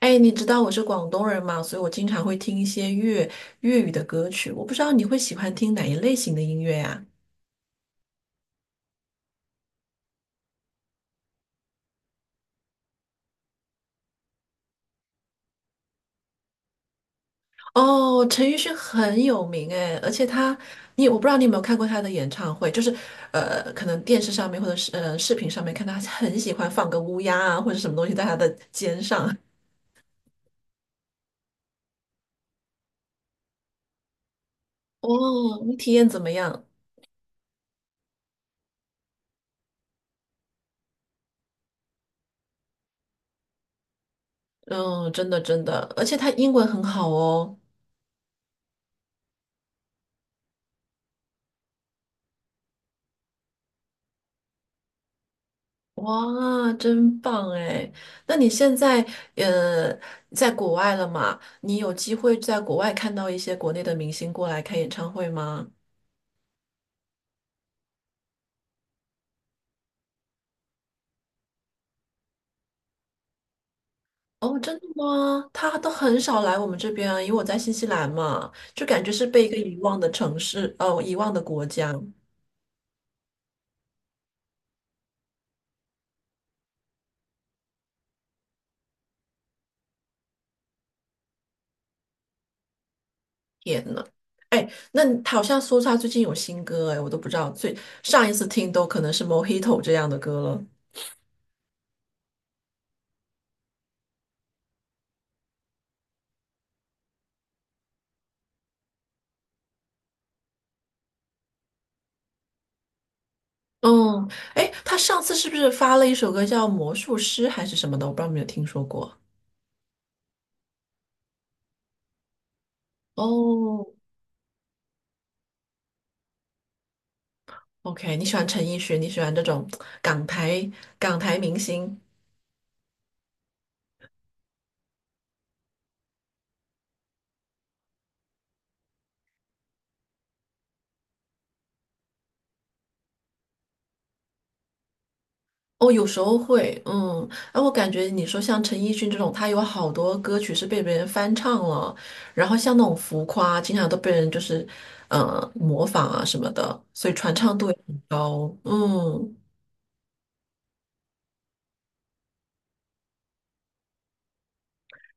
哎，你知道我是广东人嘛，所以我经常会听一些粤语的歌曲。我不知道你会喜欢听哪一类型的音乐呀、哦，陈奕迅很有名哎，而且他，我不知道你有没有看过他的演唱会，就是可能电视上面或者是视频上面看到他很喜欢放个乌鸦啊或者什么东西在他的肩上。哦，你体验怎么样？嗯，真的真的，而且他英文很好哦。哇，真棒哎！那你现在呃在国外了嘛？你有机会在国外看到一些国内的明星过来开演唱会吗？哦，真的吗？他都很少来我们这边啊，因为我在新西兰嘛，就感觉是被一个遗忘的城市，哦，遗忘的国家。天呐，哎，那你好像说他最近有新歌哎，我都不知道，最上一次听都可能是《Mojito》这样的歌了。嗯，哎，他上次是不是发了一首歌叫《魔术师》还是什么的？我不知道有没有听说过。哦，OK，你喜欢陈奕迅，你喜欢这种港台港台明星？哦，有时候会，嗯，哎，我感觉你说像陈奕迅这种，他有好多歌曲是被别人翻唱了，然后像那种浮夸，经常都被人就是模仿啊什么的，所以传唱度也很高。嗯。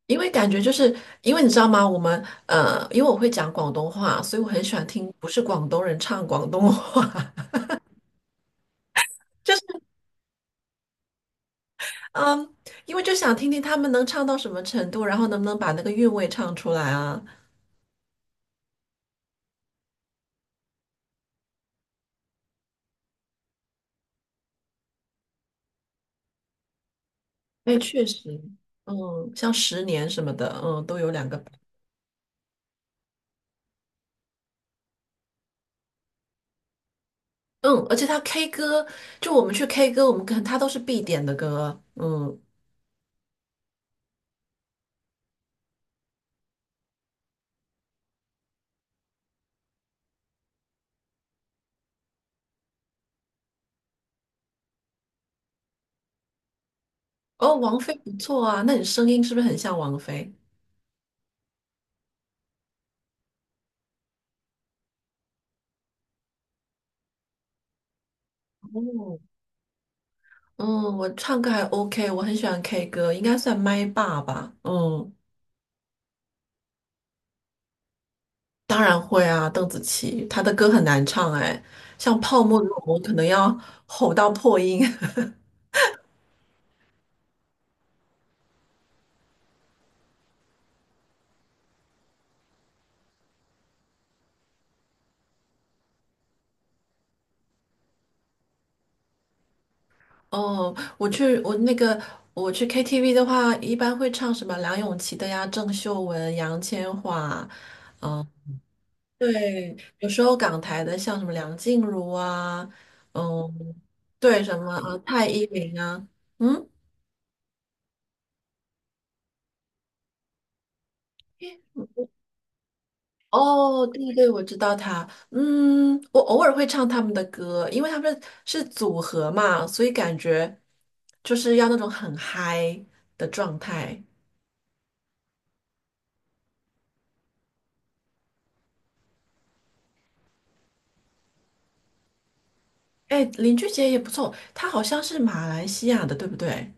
因为感觉就是因为你知道吗？我们因为我会讲广东话，所以我很喜欢听不是广东人唱广东话，就是嗯，因为就想听听他们能唱到什么程度，然后能不能把那个韵味唱出来啊？哎，确实，嗯，像十年什么的，嗯，都有两个，嗯，而且他 K 歌，就我们去 K 歌，我们可能他都是必点的歌，嗯，哦，王菲不错啊，那你声音是不是很像王菲？哦嗯，我唱歌还 OK，我很喜欢 K 歌，应该算麦霸吧。嗯，当然会啊，邓紫棋她的歌很难唱哎，像《泡沫》那种我可能要吼到破音。哦，我去我那个我去 KTV 的话，一般会唱什么梁咏琪的呀、郑秀文、杨千嬅，嗯，对，有时候港台的像什么梁静茹啊，嗯，对，什么啊蔡依林啊，嗯。哦，对对，我知道他。嗯，我偶尔会唱他们的歌，因为他们是组合嘛，所以感觉就是要那种很嗨的状态。哎，林俊杰也不错，他好像是马来西亚的，对不对？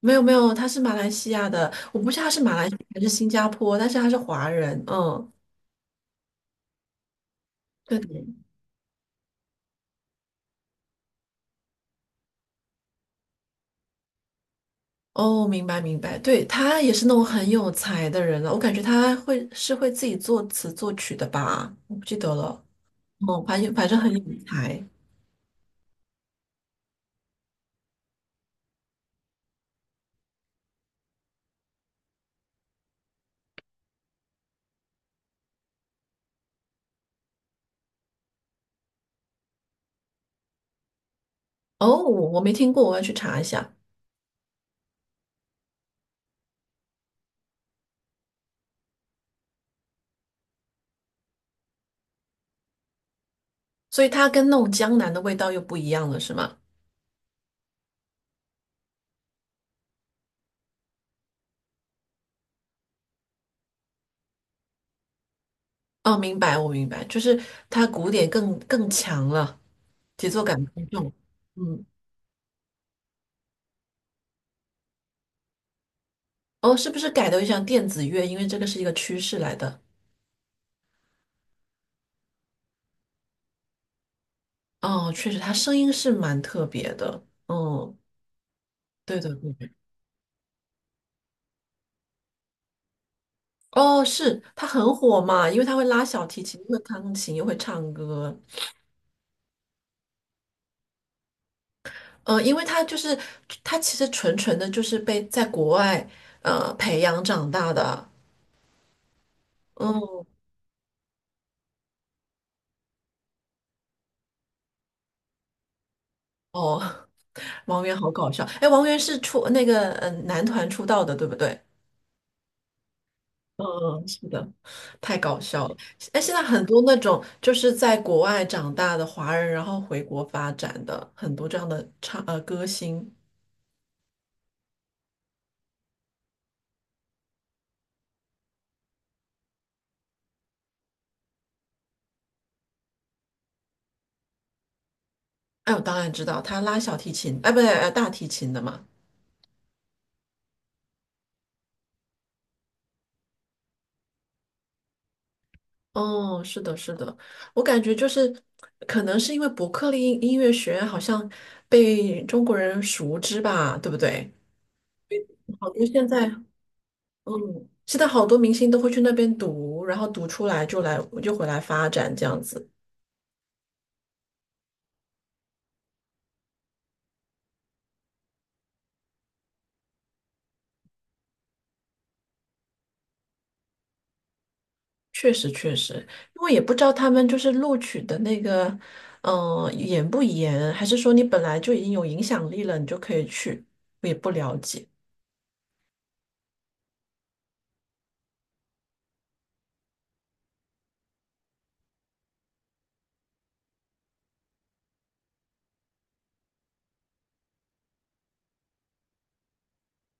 没有没有，他是马来西亚的，我不知道他是马来西亚还是新加坡，但是他是华人。嗯，对的。哦，明白明白，对，他也是那种很有才的人了，我感觉他会自己作词作曲的吧，我不记得了。哦，反正很有才哦，我没听过，我要去查一下。所以它跟那种江南的味道又不一样了，是吗？哦，明白，我明白，就是它古典更强了，节奏感更重。嗯，哦，是不是改的像电子乐？因为这个是一个趋势来的。哦，确实，它声音是蛮特别的。嗯，对的，对对。哦，是，它很火嘛，因为它会拉小提琴，又会钢琴，又会唱歌。呃，因为他就是他其实纯纯的就是被在国外培养长大的。嗯，哦，王源好搞笑。哎，王源是出那个男团出道的，对不对？嗯，是的，太搞笑了。哎，现在很多那种就是在国外长大的华人，然后回国发展的很多这样的歌星。哎，我当然知道，他拉小提琴，哎，不对，呃，大提琴的嘛。哦，是的，是的，我感觉就是，可能是因为伯克利音乐学院好像被中国人熟知吧，对不对？好多现在，嗯，现在好多明星都会去那边读，然后读出来回来发展这样子。确实，确实，因为也不知道他们就是录取的那个，严不严，还是说你本来就已经有影响力了，你就可以去，我也不了解。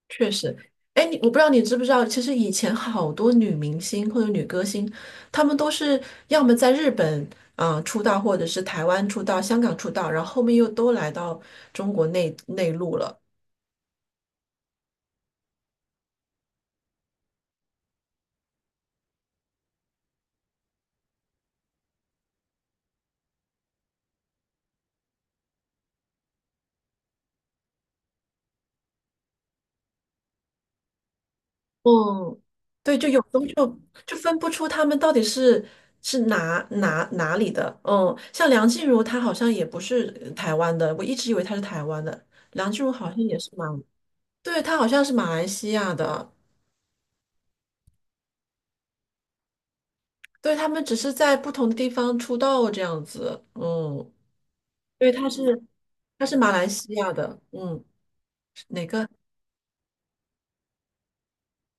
确实，哎，我不知道你知不知道，其实以前好多女明星或者女歌星，她们都是要么在日本出道，或者是台湾出道、香港出道，然后后面又都来到中国内陆了。嗯，对，有时候就分不出她们到底是是哪里的。嗯，像梁静茹，她好像也不是台湾的，我一直以为她是台湾的。梁静茹好像也是马，对，她好像是马来西亚的。对，他们只是在不同的地方出道这样子。嗯，对，他是马来西亚的，嗯，是哪个？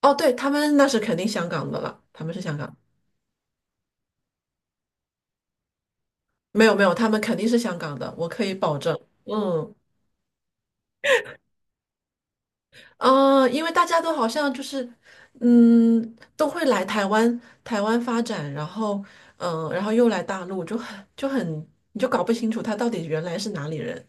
哦，对，他们那是肯定香港的了，他们是香港，没有没有，他们肯定是香港的，我可以保证。嗯，呃，因为大家都好像就是，嗯，都会来台湾发展，然后然后又来大陆，就很你就搞不清楚他到底原来是哪里人。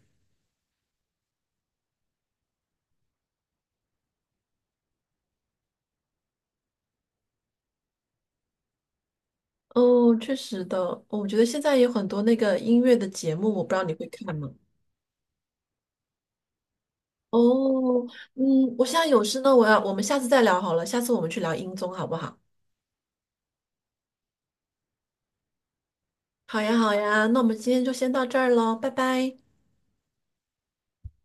哦，确实的，我觉得现在有很多那个音乐的节目，我不知道你会看吗？哦，嗯，我现在有事呢，我要，我们下次再聊好了，下次我们去聊音综好不好？好呀，好呀，那我们今天就先到这儿喽，拜拜。